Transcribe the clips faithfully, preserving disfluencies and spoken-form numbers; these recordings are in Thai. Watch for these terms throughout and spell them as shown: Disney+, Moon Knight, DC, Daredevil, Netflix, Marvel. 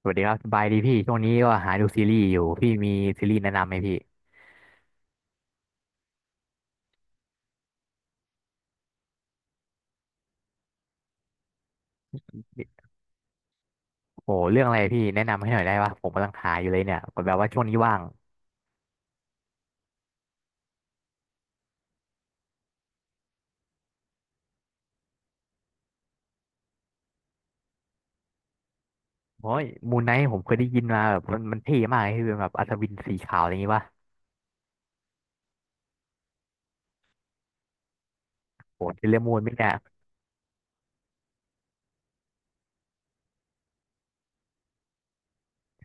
สวัสดีครับสบายดีพี่ช่วงนี้ก็หาดูซีรีส์อยู่พี่มีซีรีส์แนะนำไหมพี่โอ้เรื่องอะไรพี่แนะนำให้หน่อยได้ปะผมกำลังหาอยู่เลยเนี่ยแบบว่าช่วงนี้ว่างโอ้ยมูนไนท์ผมเคยได้ยินมาแบบมันมันเท่มากเลยคือเป็นแบบอัศวินสีขาวอะไรอย่างงี้ปะโอ้เป็นเรื่องมูนไหมเนี่ย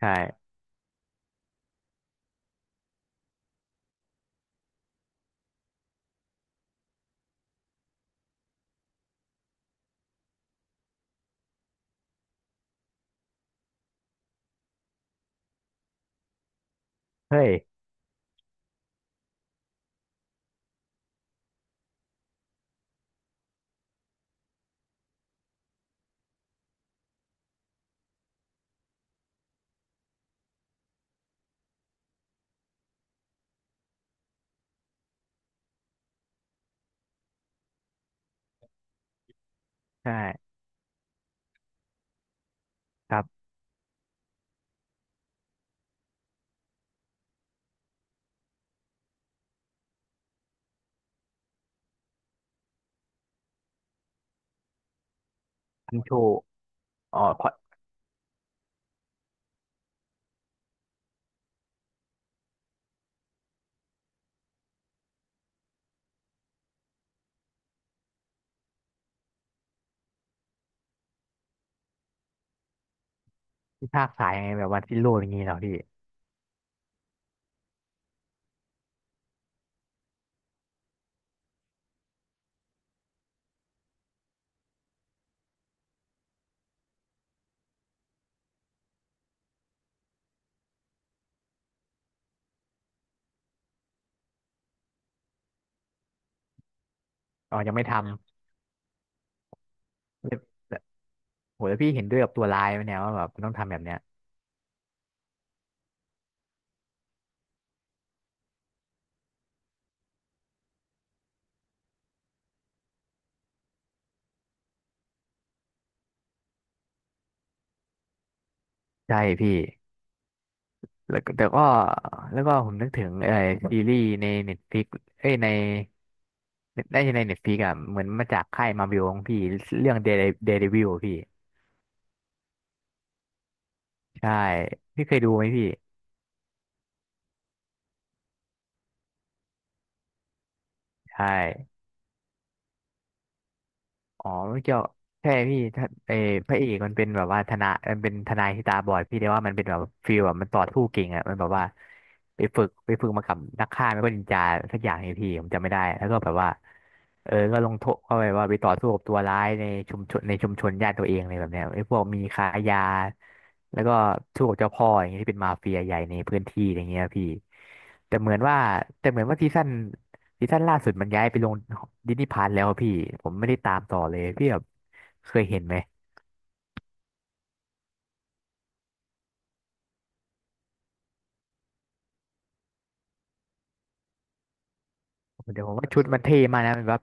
ใช่เฮ้ยใช่ครับอันโชอ๋อขอที่ภาคสายไงแบบวันที่โลกอย่างงี้เหรอพี่อ๋อยังไม่ทำโอ้แล้วพี่เห็นด้วยกับตัวร้ายไหมเนี่ยว่าแบบมันต้องทำแบบเนี้ยใช่พี่ แล้วก็แต่ก็แล้วก็ผมนึกถึงเออซีรีส์ในเน็ตฟลิกเอ้ยในได้ในเน็ตฟลิกอะเหมือนมาจากค่ายมาบิวของพี่เรื่องเด e d เด e d วิลพี่ใช่พี่เคยดูไหมพี่ใช่ อ๋อมันเกี่ยวใช่พี่ถ้าเออพระเอกมันเป็นแบบว่าทนายมันเป็นทนายที่ตาบอดพี่ได้ว่ามันเป็นแบบฟีลแบบมันต่อสู้เก่งอ่ะมันแบบว่าไปฝึกไปฝึกมากับนักฆ่าไม่ก็นินจาสักอย่างไงพี่ผมจำไม่ได้แล้วก็แบบว่าเออก็ลงโทษเข้าไปว่าไปต่อสู้กับตัวร้ายในชุมชนในชุมชนญาติตัวเองเลยแบบเนี้ยไอ้พวกมีค้ายาแล้วก็สู้กับเจ้าพ่ออย่างเงี้ยที่เป็นมาเฟียใหญ่ในพื้นที่อย่างเงี้ยพี่แต่เหมือนว่าแต่เหมือนว่าซีซั่น ซีซั่นล่าสุดมันย้ายไปลงดิสนีย์พาร์แล้วอะพี่ผมไม่ได้ตามต่อเลยพี่แบบเคยเห็นไหมเดี๋ยวผมว่าชุดมันเท่มากนะมันแบบ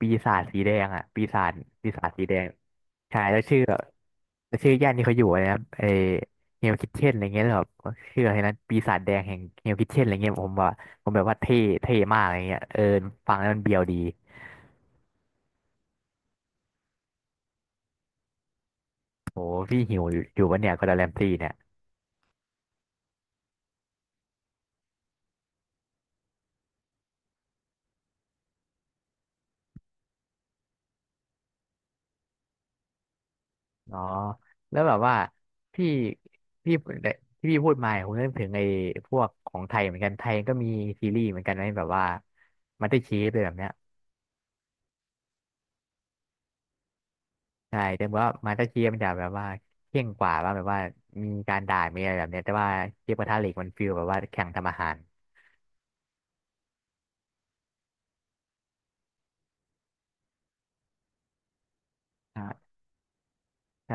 ปีศาจสีแดงอ่ะปีศาจปีศาจสีแดงใช่แล้วชื่อแล้วชื่อย่านที่เขาอยู่อะไรนะเอเฮลคิทเช่นอะไรเงี้ยแล้วแบบชื่ออะไรนะปีศาจแดงแห่งเฮลคิทเช่นอะไรเงี้ยผมว่าผมแบบว่าเท่เท่มากอะไรเงี้ยเออฟังแล้วมันเบียวดีโหพี่หิวอยู่อยู่วะเนี่ยก็ดดแรมซี่เนี่ย อ๋อแล้วแบบว่าพี่พี่ที่พี่พูดมาผมนึกถึงไอ้พวกของไทยเหมือนกันไทยก็มีซีรีส์เหมือนกันนะแบบว่ามาสเตอร์เชฟเลยแบบเนี้ยใช่แต่ว่ามาสเตอร์เชฟมันจะแบบว่าเข่งกว่าว่าแบบว่ามีการด่ามีอะไรแบบเนี้ยแต่ว่าเชฟกระทะเหล็กมันฟีลแบบว่าแข่งทำอาหารอ่าใช่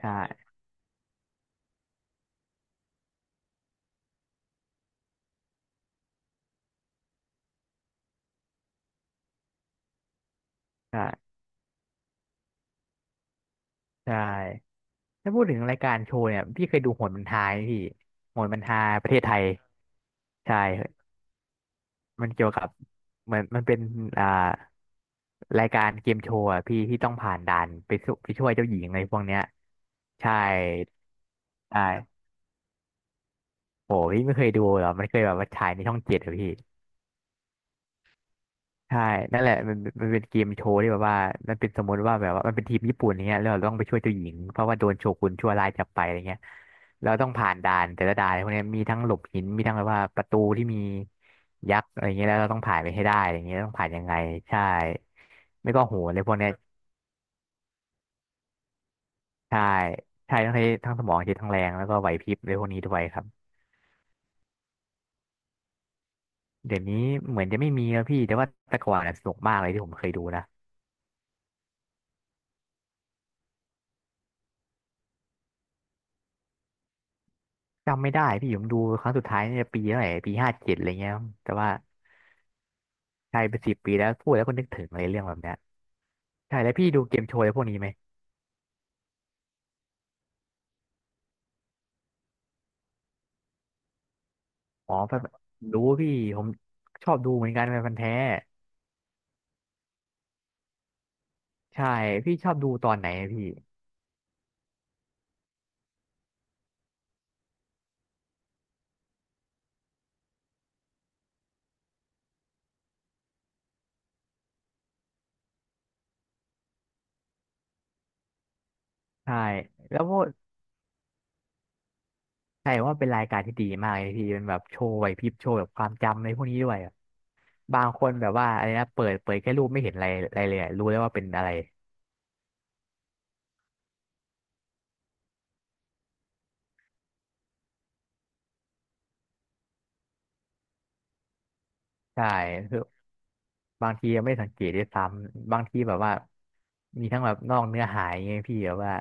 ใช่ใช่ใช่ถ้าพูดถึงรายการโชว์เนี่ยพี่เคยดูโหนบันทายไหมพี่โหนบันทายประเทศไทยใช่ มันเกี่ยวกับเหมือนมันเป็นอ่ารายการเกมโชว์อะพี่ที่ต้องผ่านด่านไปสู้ไปช่วยเจ้าหญิงอะไรพวกเนี้ยใช่ใช่โหพี่ไม่เคยดูเหรอมันเคยแบบว่าฉายในช่องเจ็ดอะพี่ ใช่ นั่นแหละมันมันเป็นเกมโชว์ที่แบบว่ามันเป็นสมมติว่าแบบว่ามันเป็นทีมญี่ปุ่นอย่างเงี้ยแล้วเราต้องไปช่วยเจ้าหญิงเพราะว่าโดนโชกุนชั่วร้ายจับไปอะไรเงี้ยเราต้องผ่านด่านแต่ละด่านพวกเนี้ยมีทั้งหลบหินมีทั้งแบบว่าประตูที่มียักษ์อะไรเงี้ยแล้วเราต้องผ่านไปให้ได้อะไรเงี้ยต้องผ่านยังไงใช่ไม่ก็โหนอะไรพวกเนี้ยใช่ใช่ต้องใช้ทั้งสมองใช้ทั้งแรงแล้วก็ไหวพริบอะไรพวกนี้ด้วยครับเดี๋ยวนี้เหมือนจะไม่มีแล้วพี่แต่ว่าแต่ก่อนน่ะสนุกมากเลยที่ผมเคยดูนะ จำไม่ได้พี่ผมดูครั้งสุดท้ายเนี่ยปีเท่าไหร่ปีห้าเจ็ดอะไรเงี้ยแต่ว่าใช่เป็นสิบปีแล้วพูดแล้วก็นึกถึงอะไรเรื่องแบบเนี้ยใช่แล้วพี่ดูเกมโชว์อะไรพวกนี้ไหมอ๋อแบบดูพี่ผมชอบดูเหมือนกันเป็นพันธุ์แท้ใช่พี่ชอบดูตอนไหนอะพี่ใช่แล้วก็ใช่ว่าเป็นรายการที่ดีมากเลยพี่เป็นแบบโชว์ไหวพริบโชว์แบบความจำอะไรพวกนี้ด้วยอะบางคนแบบว่าอะไรนะเปิดเปิดแค่รูปไม่เห็นอะไรอะไรเลยอะรู้แล้วว่าเป็นอะไรใช่ บางทีไม่สังเกตด้วยซ้ำบางทีแบบว่ามีทั้งแบบนอกเนื้อหาอยางเงี้ยพี่แบบว่า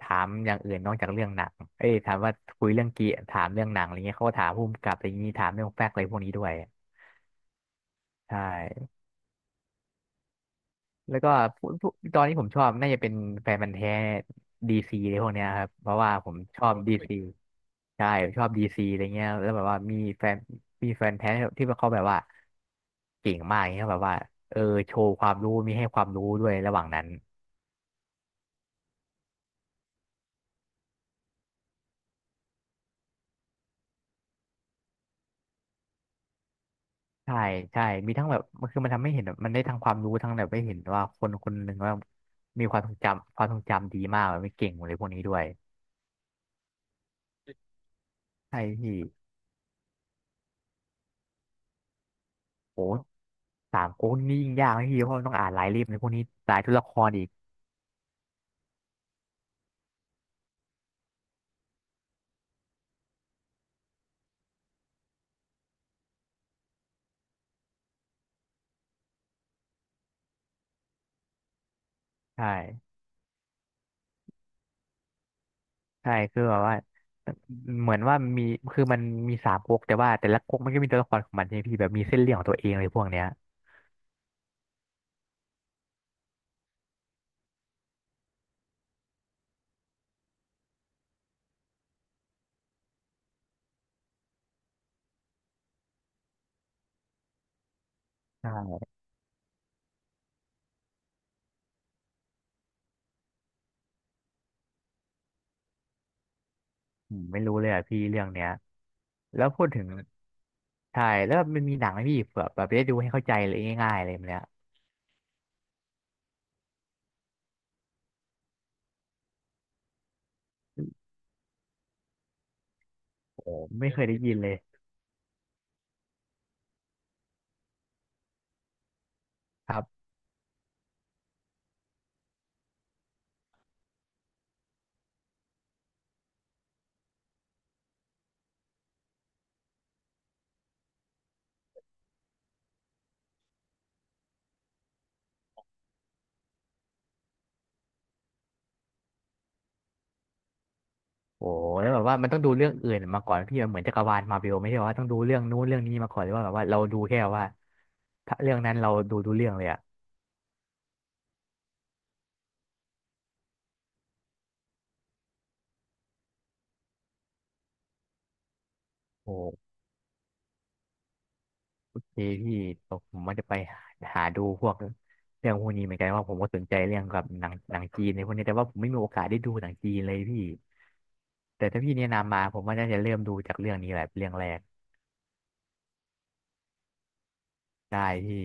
ถามอย่างอื่นนอกจากเรื่องหนังเอ้ยถามว่าคุยเรื่องเกียถามเรื่องหนังอะไรเงี้ยเขาก็ถามภูมิกับอะไรอย่างงี้ถามเรื่องแฟกต์อะไรพวกนี้ด้วย ใช่ แล้วก็พวกพวกตอนนี้ผมชอบน่าจะเป็นแฟนพันธุ์แท้ดีซีอะไรพวกเนี้ยครับ เพราะว่าผมชอบโอ ดี ซีใช่ผมชอบดีซีอะไรเงี้ยแล้วแบบว่ามีแฟนมีแฟนแท้ที่เขาแบบว่าเก่งมากเงี้ยแบบว่าเออโชว์ความรู้มีให้ความรู้ด้วยระหว่างนั้น ใช่ใช่มีทั้งแบบมันคือมันทำให้เห็นแบบมันได้ทั้งความรู้ทั้งแบบได้เห็นว่าคนคนหนึ่งว่ามีความทรงจำความทรงจำดีมากแบบไม่เก่งอะไรพวกนี้ด้วยใช่พี่โอ้สามก๊กนี่ยิ่งยากนะพี่เพราะมันต้องอ่านรายเล่มในพวกนี้รายตัวละครอีกใช่ใช่คือแบบว่าเหมือนว่ามีคือมันมีสามก๊กแต่ว่าแต่ละก๊กมันก็มีตัวละครของมันใช่ไหมพี่แบบมีเส้นเรื่องของตัวเองเลยพวกเนี้ยใช่ผมไม่รู้เลยอ่ะพี่เรื่องเนี้ยแล้วพูดถึงใช่แล้วมันมีหนังไหมพี่เผื่อแบบได้ดูให้เข้าใจเลยง่ายๆอะไรแบบเนี้ย โอ้ไม่เคยได้ยินเลยครับโอ้แล้วแบบว่ามันต้องดูเรื่องอื่นมาก่อนพี่มันเหมือนจักรวาลมาร์เวลไม่ใช่ว่าต้องดูเรื่องนู้นเรื่องนี้มาก่อนหรือว่าแบบว่าเราดูแค่ว่าถ้าเรื่องนั้นเราดูดูเรื่องเลยอ่ะโอ้โพี่พี่ผมว่าจะไปหาดูพวกเรื่องพวกนี้เหมือนกันว่าผมก็สนใจเรื่องกับหนังหนังจีนในพวกนี้แต่ว่าผมไม่มีโอกาสได้ดูหนังจีนเลยพี่แต่ถ้าพี่แนะนำมาผมว่าน่าจะเริ่มดูจากเรื่องนี้แหละเป็นเรื่องแรกได้พี่